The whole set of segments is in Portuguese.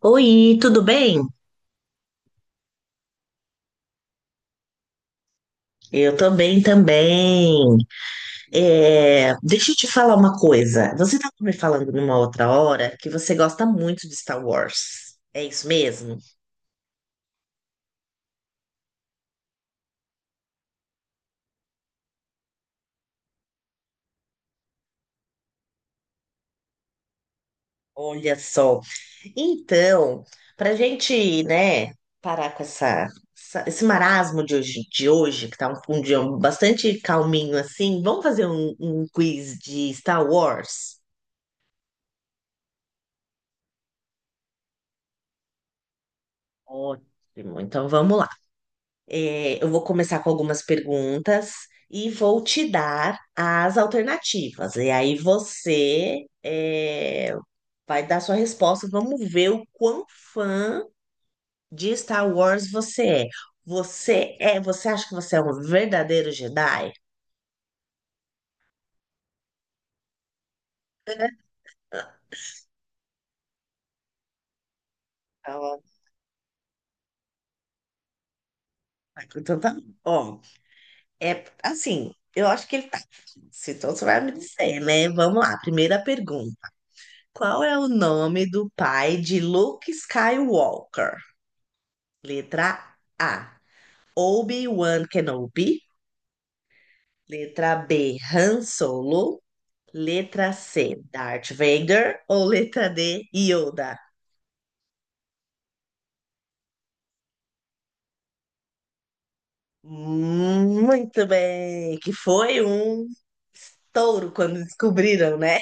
Oi, tudo bem? Eu tô bem também. É, deixa eu te falar uma coisa. Você estava me falando numa outra hora que você gosta muito de Star Wars. É isso mesmo? Olha só. Então, para gente, né, parar com esse marasmo de hoje, que tá um dia bastante calminho assim, vamos fazer um quiz de Star Wars? Ótimo. Então vamos lá. É, eu vou começar com algumas perguntas e vou te dar as alternativas. E aí vai dar sua resposta. Vamos ver o quão fã de Star Wars você é. Você acha que você é um verdadeiro Jedi? Ela, Então tá bom. É assim, eu acho que ele tá. Se Então você vai me dizer, né? Vamos lá, primeira pergunta. Qual é o nome do pai de Luke Skywalker? Letra A, Obi-Wan Kenobi. Letra B, Han Solo. Letra C, Darth Vader. Ou letra D, Yoda? Muito bem, que foi um estouro quando descobriram, né?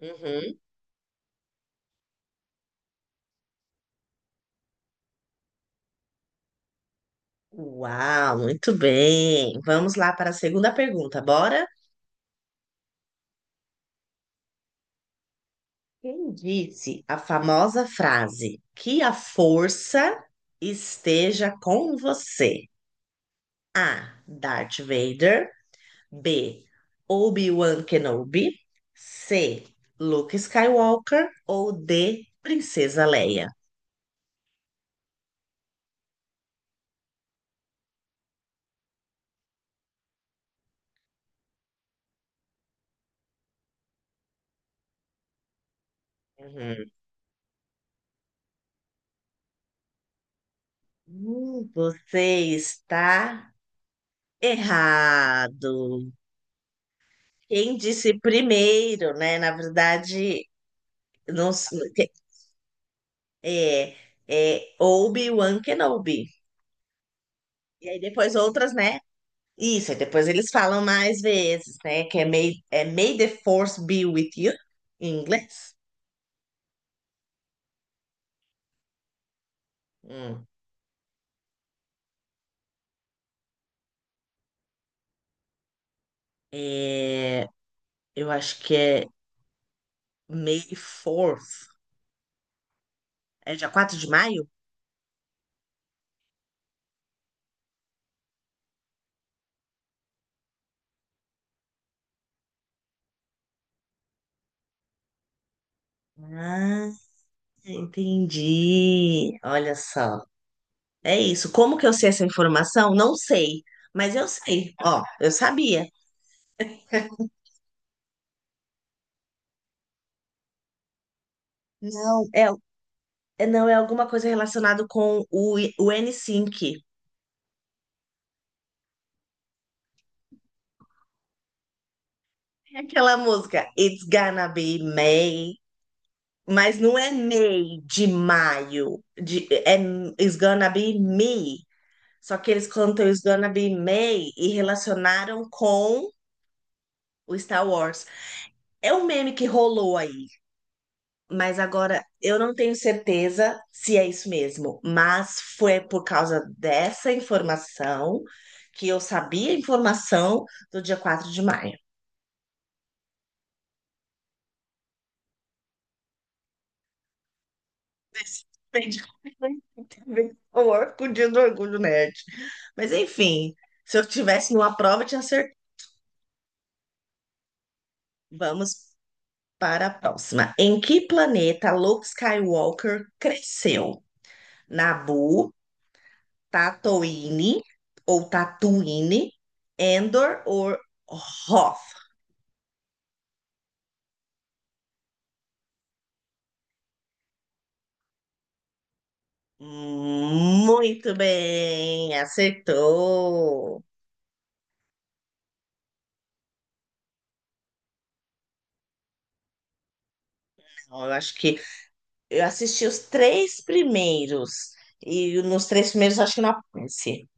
Uhum. Uau, muito bem. Vamos lá para a segunda pergunta, bora? Quem disse a famosa frase "que a força esteja com você"? A. Darth Vader. B. Obi-Wan Kenobi. C. Luke Skywalker. Ou D. Princesa Leia. Uhum. Você está errado. Quem disse primeiro, né? Na verdade, não, que- é, é Obi-Wan Kenobi. E aí depois outras, né? Isso, aí depois eles falam mais vezes, né? Que é May the Force be with you, em inglês. Hum. É, eu acho que é May 4. É dia 4 de maio? Ah, entendi. Olha só. É isso. Como que eu sei essa informação? Não sei, mas eu sei. Ó, eu sabia. Não, é, não é alguma coisa relacionada com o NSYNC. É aquela música It's Gonna Be May, mas não é May de maio, é It's Gonna Be Me. Só que eles cantam It's Gonna Be May e relacionaram com o Star Wars. É um meme que rolou aí, mas agora eu não tenho certeza se é isso mesmo. Mas foi por causa dessa informação que eu sabia a informação do dia 4 de maio. Esse tem de ter a ver com com o dia do Orgulho Nerd. Mas enfim, se eu tivesse numa prova, eu tinha certeza. Vamos para a próxima. Em que planeta Luke Skywalker cresceu? Naboo, Tatooine ou Tatooine, Endor ou Hoth. Muito bem, acertou. Então, eu acho que eu assisti os três primeiros e nos três primeiros eu acho que não aparece.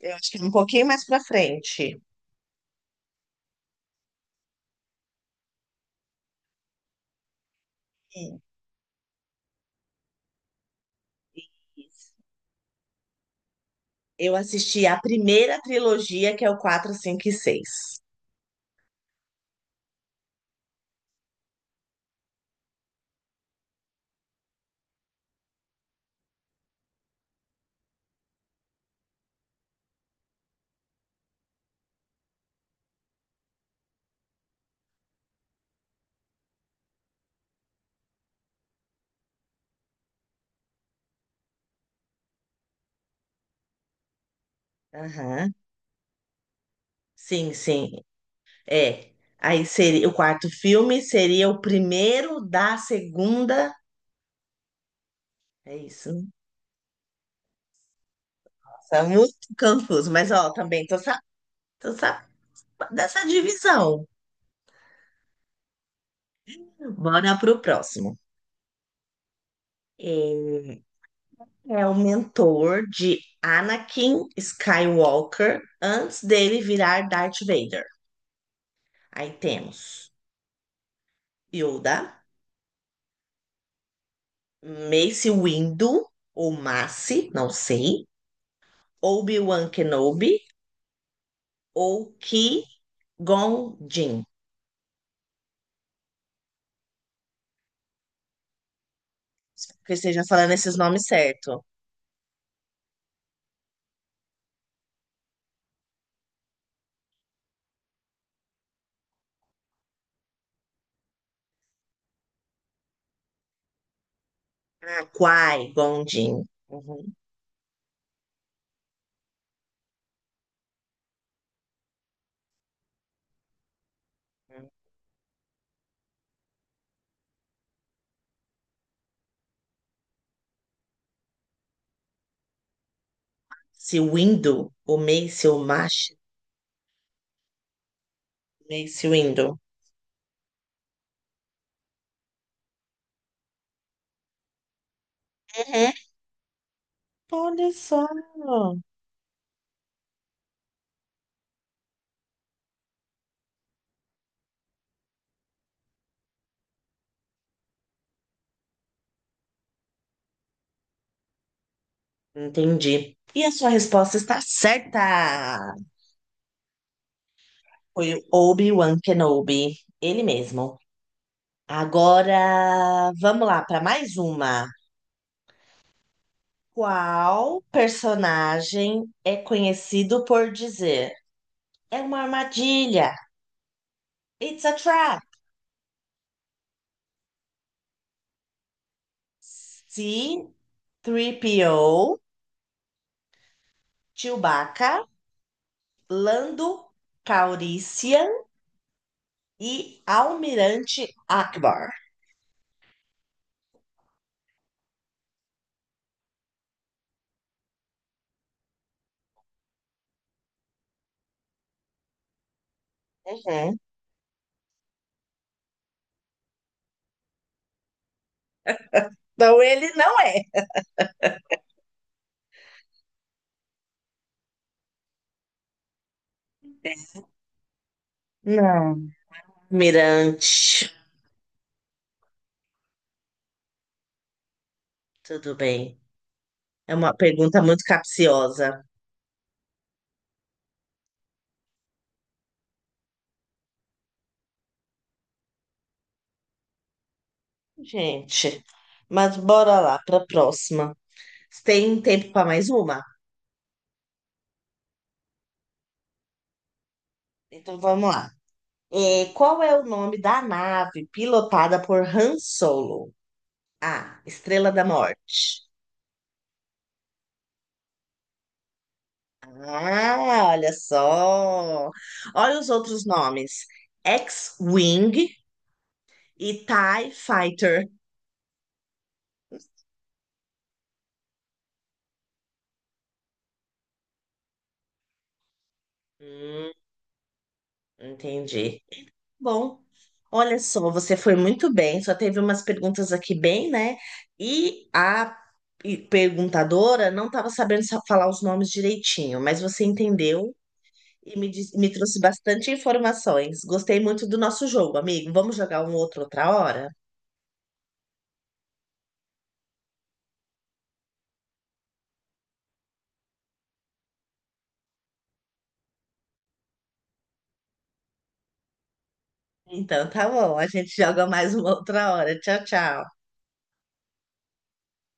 Eu acho que um pouquinho mais pra frente. Eu assisti a primeira trilogia, que é o 4, 5 e 6. Aham. Sim, sim. É. Aí seria o quarto filme seria o primeiro da segunda. É isso, né? Nossa, é muito confuso. Mas ó, também tô sa... dessa divisão. Bora pro próximo. Ele é o mentor de Anakin Skywalker antes dele virar Darth Vader. Aí temos Yoda, Mace Windu ou Mace, não sei, Obi-Wan Kenobi ou Qui-Gon Jinn. Que eu esteja falando esses nomes certo. Ah, Kwai, Gondin. Uhum. Se Windu, o Mace, o Mash, Mace Windu. Uhum. Olha só. Entendi. E a sua resposta está certa. Foi o Obi-Wan Kenobi, ele mesmo. Agora, vamos lá para mais uma. Qual personagem é conhecido por dizer "é uma armadilha"? It's a trap. Se três P O, Chewbacca, Lando Calrissian e Almirante Akbar. Uhum. Então ele não é. Não. Almirante, tudo bem. É uma pergunta muito capciosa. Gente, mas bora lá para a próxima. Você tem tempo para mais uma? Então vamos lá. É, qual é o nome da nave pilotada por Han Solo? A. Estrela da Morte. Ah, olha só. Olha os outros nomes: X-Wing e TIE Fighter. Hum, Entendi. Bom, olha só, você foi muito bem. Só teve umas perguntas aqui bem, né? E a perguntadora não estava sabendo falar os nomes direitinho, mas você entendeu e me trouxe bastante informações. Gostei muito do nosso jogo, amigo. Vamos jogar um outro outra hora? Então, tá bom. A gente joga mais uma outra hora. Tchau, tchau.